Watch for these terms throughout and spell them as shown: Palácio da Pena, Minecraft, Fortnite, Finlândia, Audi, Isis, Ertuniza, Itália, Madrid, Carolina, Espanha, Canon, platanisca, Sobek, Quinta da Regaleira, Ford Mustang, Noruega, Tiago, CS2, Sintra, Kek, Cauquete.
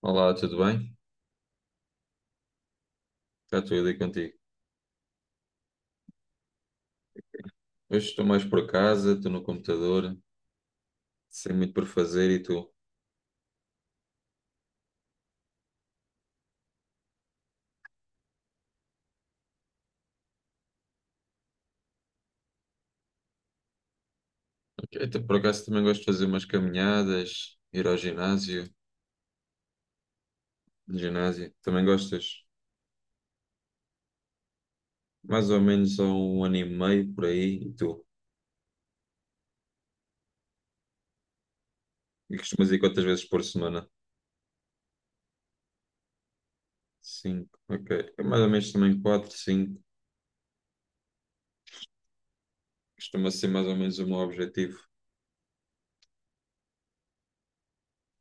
Olá, tudo bem? Está tudo aí contigo. Hoje estou mais por casa, estou no computador, sem muito por fazer e tu? Ok, então, por acaso também gosto de fazer umas caminhadas, ir ao ginásio, ginásio. Também gostas? Mais ou menos há um ano e meio por aí e tu? E costumas ir quantas vezes por semana? Cinco, ok. É mais ou menos também quatro, cinco. Costuma ser mais ou menos o meu objetivo.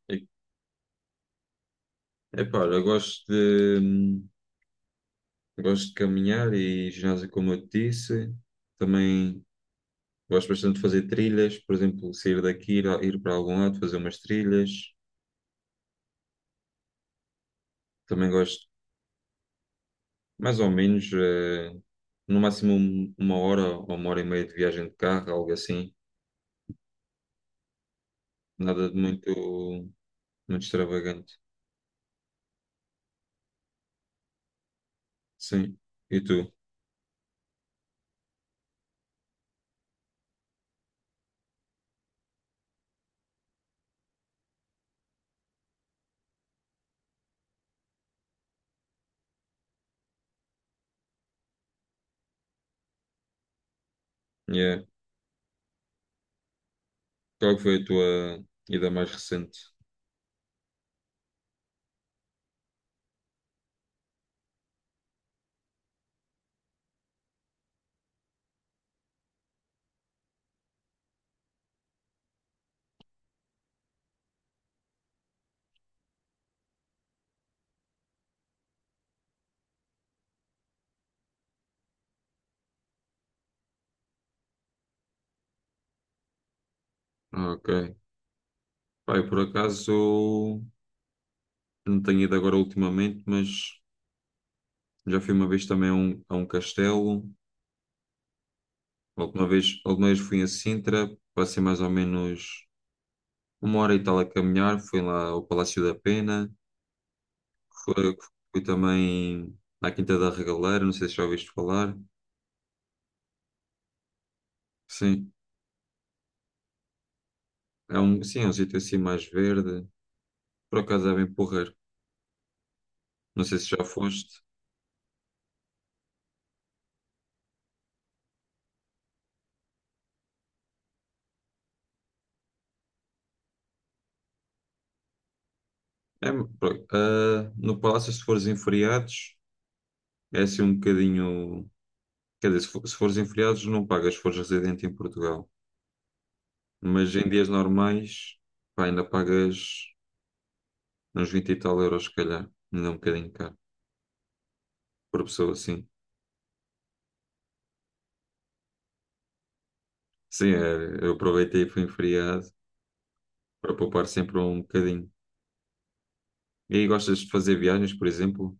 E, epá, olha, eu gosto de caminhar e ginásio como eu te disse. Também gosto bastante de fazer trilhas, por exemplo, sair daqui, ir, ir para algum lado, fazer umas trilhas. Também gosto, mais ou menos, no máximo uma hora ou uma hora e meia de viagem de carro, algo assim. Nada de muito, muito extravagante. Sim. E tu? Yeah. Qual que foi a tua ida mais recente? Ah, ok. Pá, eu por acaso não tenho ido agora ultimamente, mas já fui uma vez também a um castelo. A última vez fui a Sintra, passei mais ou menos uma hora e tal a caminhar, fui lá ao Palácio da Pena, fui, fui também à Quinta da Regaleira, não sei se já ouviste falar. Sim, sim, é um sítio assim mais verde, por acaso é bem porreiro, não sei se já foste. É, no Palácio, se fores em feriados, é assim um bocadinho, quer dizer, se fores em feriados não pagas, se fores residente em Portugal, mas em dias normais, pá, ainda pagas uns 20 e tal euros, se calhar, ainda é um bocadinho caro, por pessoa, assim. Sim, eu aproveitei e fui em feriado para poupar sempre um bocadinho. E aí gostas de fazer viagens, por exemplo?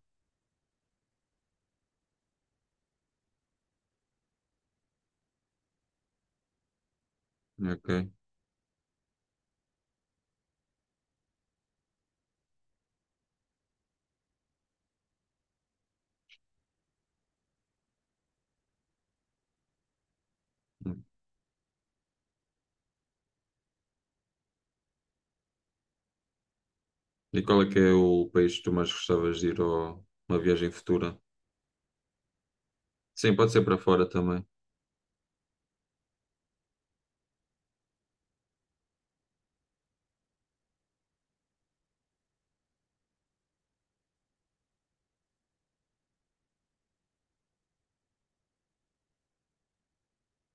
Ok. E qual é que é o país que tu mais gostavas de ir a uma viagem futura? Sim, pode ser para fora também.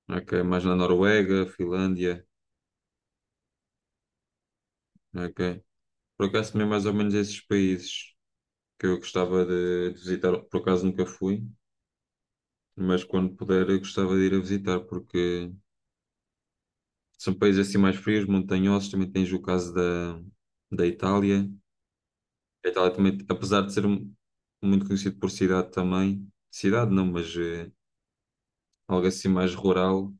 Ok. Mais na Noruega, Finlândia. Ok. Por acaso também mais ou menos esses países que eu gostava de visitar. Por acaso nunca fui, mas quando puder eu gostava de ir a visitar porque são países assim mais frios, montanhosos. Também tens o caso da, da Itália. A Itália também, apesar de ser muito conhecido por cidade também, cidade não, mas algo assim mais rural,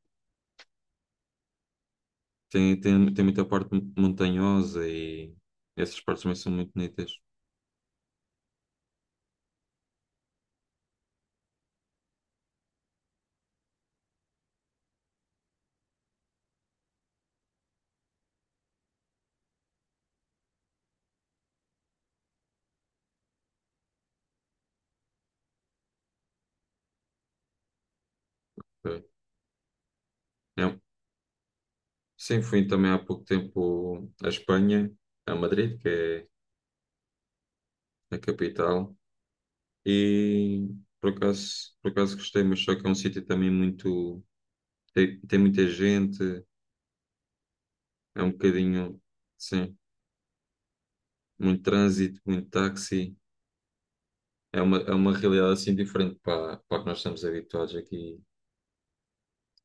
tem muita parte montanhosa e essas partes também são muito bonitas. É. É, um, sim, fui também há pouco tempo à Espanha, a Madrid, que é a capital, e por acaso gostei, mas só que é um sítio também muito. Tem, tem muita gente, é um bocadinho, sim, muito trânsito, muito táxi. É uma realidade assim diferente para, para a que nós estamos habituados aqui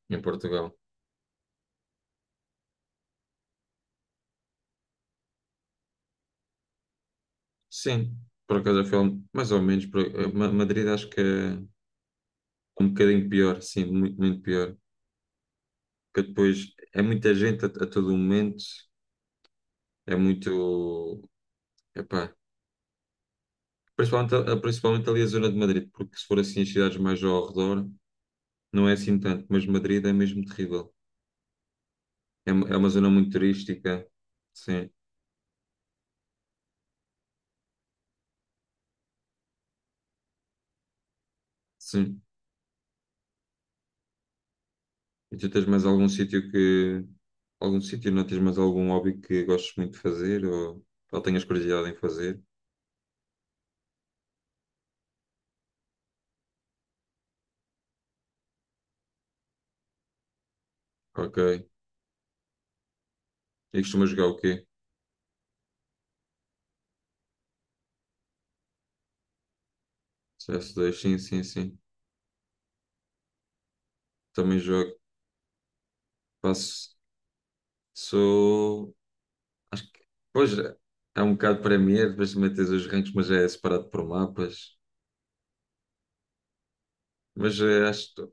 em Portugal. Sim, por acaso já foi mais ou menos. Por, Madrid acho que é um bocadinho pior, sim, muito, muito pior. Porque depois é muita gente a todo momento, é muito. Epá, principalmente, principalmente ali a zona de Madrid, porque se for assim as cidades mais ao redor, não é assim tanto, mas Madrid é mesmo terrível. É, é uma zona muito turística, sim, sim. E tu tens mais algum sítio que. Algum sítio, não tens mais algum hobby que gostes muito de fazer ou tenhas curiosidade em fazer? Ok. E costumas jogar o quê? CS2, sim, sim, sim. Também jogo. Passo. Sou. Acho que. Pois é, é um bocado Premier, depois também tens os ranks, mas é separado por mapas. Mas acho. Que-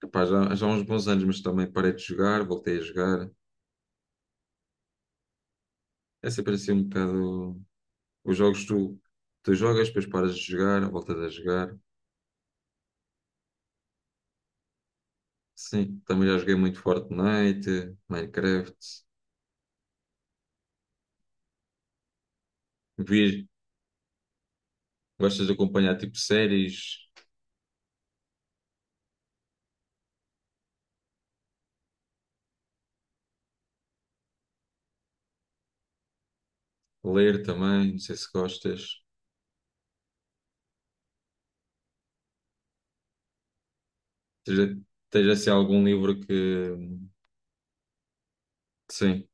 Epá, já, já há uns bons anos, mas também parei de jogar, voltei a jogar. É sempre assim um bocado. Os jogos tu, tu jogas, depois paras de jogar, voltas a jogar. Sim, também já joguei muito Fortnite, Minecraft. Vi, gostas de acompanhar tipo séries, ler também, não sei se gostas. Tens, tens assim algum livro que. Sim,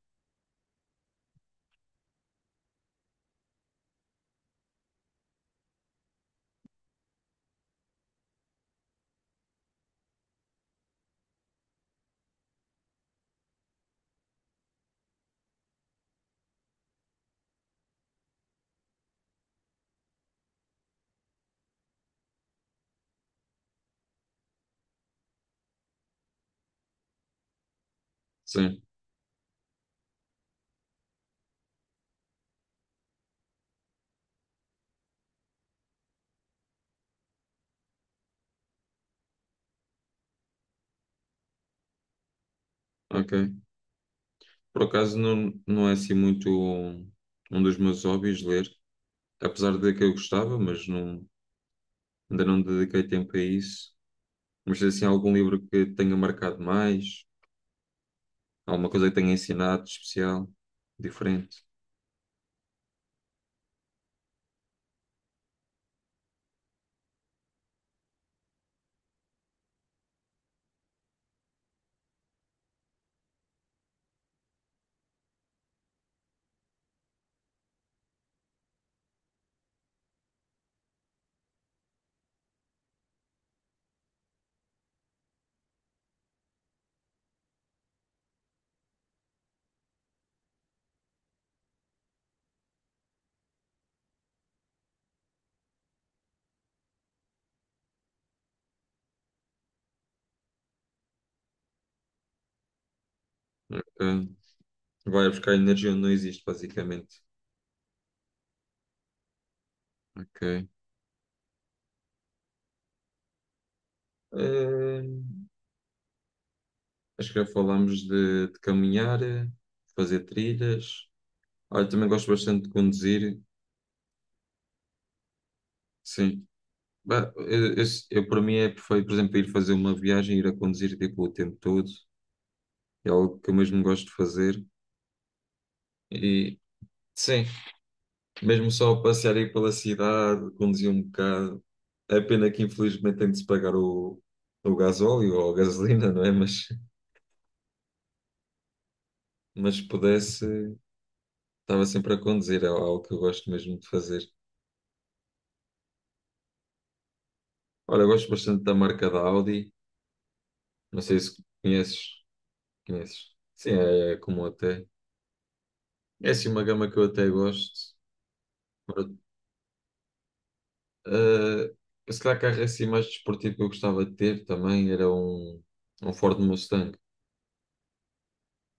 sim, ok. Por acaso não, não é assim muito um, um dos meus hobbies ler, apesar de que eu gostava, mas não, ainda não dediquei tempo a isso. Mas tens assim algum livro que tenha marcado mais, alguma coisa que tenha ensinado de especial, diferente. Ok? Vai buscar energia onde não existe, basicamente. Ok. Eh, Acho que já falámos de caminhar, fazer trilhas. Olha, também gosto bastante de conduzir. Sim. Bah, eu, para mim é perfeito, por exemplo, ir fazer uma viagem, ir a conduzir tipo, o tempo todo. É algo que eu mesmo gosto de fazer. E sim, mesmo só passear aí pela cidade, conduzir um bocado. É pena que infelizmente tem de se pagar o gasóleo ou a gasolina, não é? Mas se pudesse. Estava sempre a conduzir, é algo que eu gosto mesmo de fazer. Olha, eu gosto bastante da marca da Audi, não sei se conheces, conheces. Sim, é, é comum até. É assim uma gama que eu até gosto. Pronto, se calhar carro assim mais desportivo que eu gostava de ter também era um, um Ford Mustang.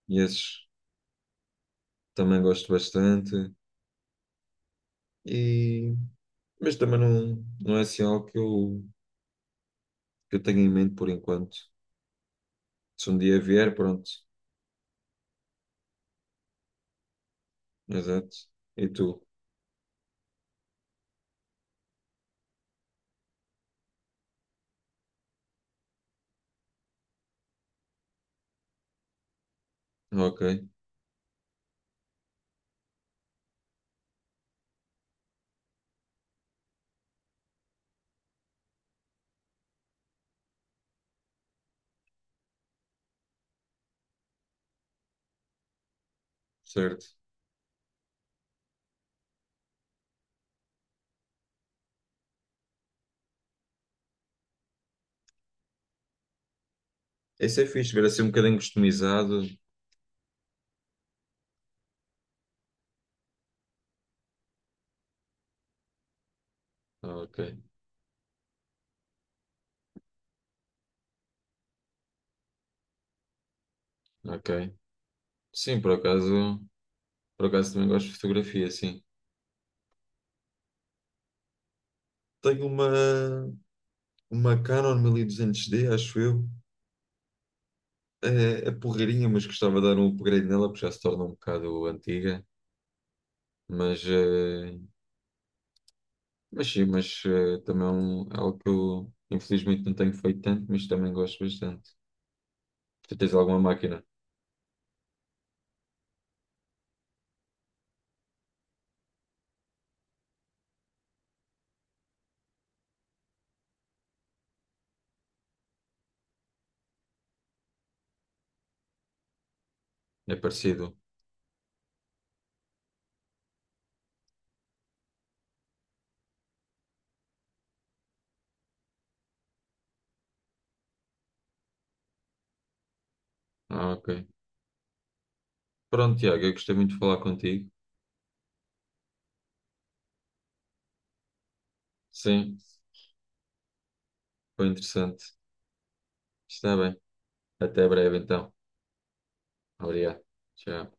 E esses também gosto bastante. E, mas também não, não é assim algo que eu tenho em mente por enquanto. Se um dia vier, pronto. Exato. E tu? Ok, certo. Esse é fixe, ver assim um bocadinho customizado. Ah, ok, ok. Sim, por acaso também gosto de fotografia, sim. Tenho uma Canon 1200D acho eu. É, é porreirinha, mas gostava de dar um upgrade nela, porque já se torna um bocado antiga. Mas, mas sim, mas também é é algo que eu infelizmente não tenho feito tanto, mas também gosto bastante. Tu tens alguma máquina? É parecido? Ah, ok. Pronto, Tiago, eu gostei muito de falar contigo. Sim, foi interessante. Está bem. Até breve, então. Obrigado. Tchau.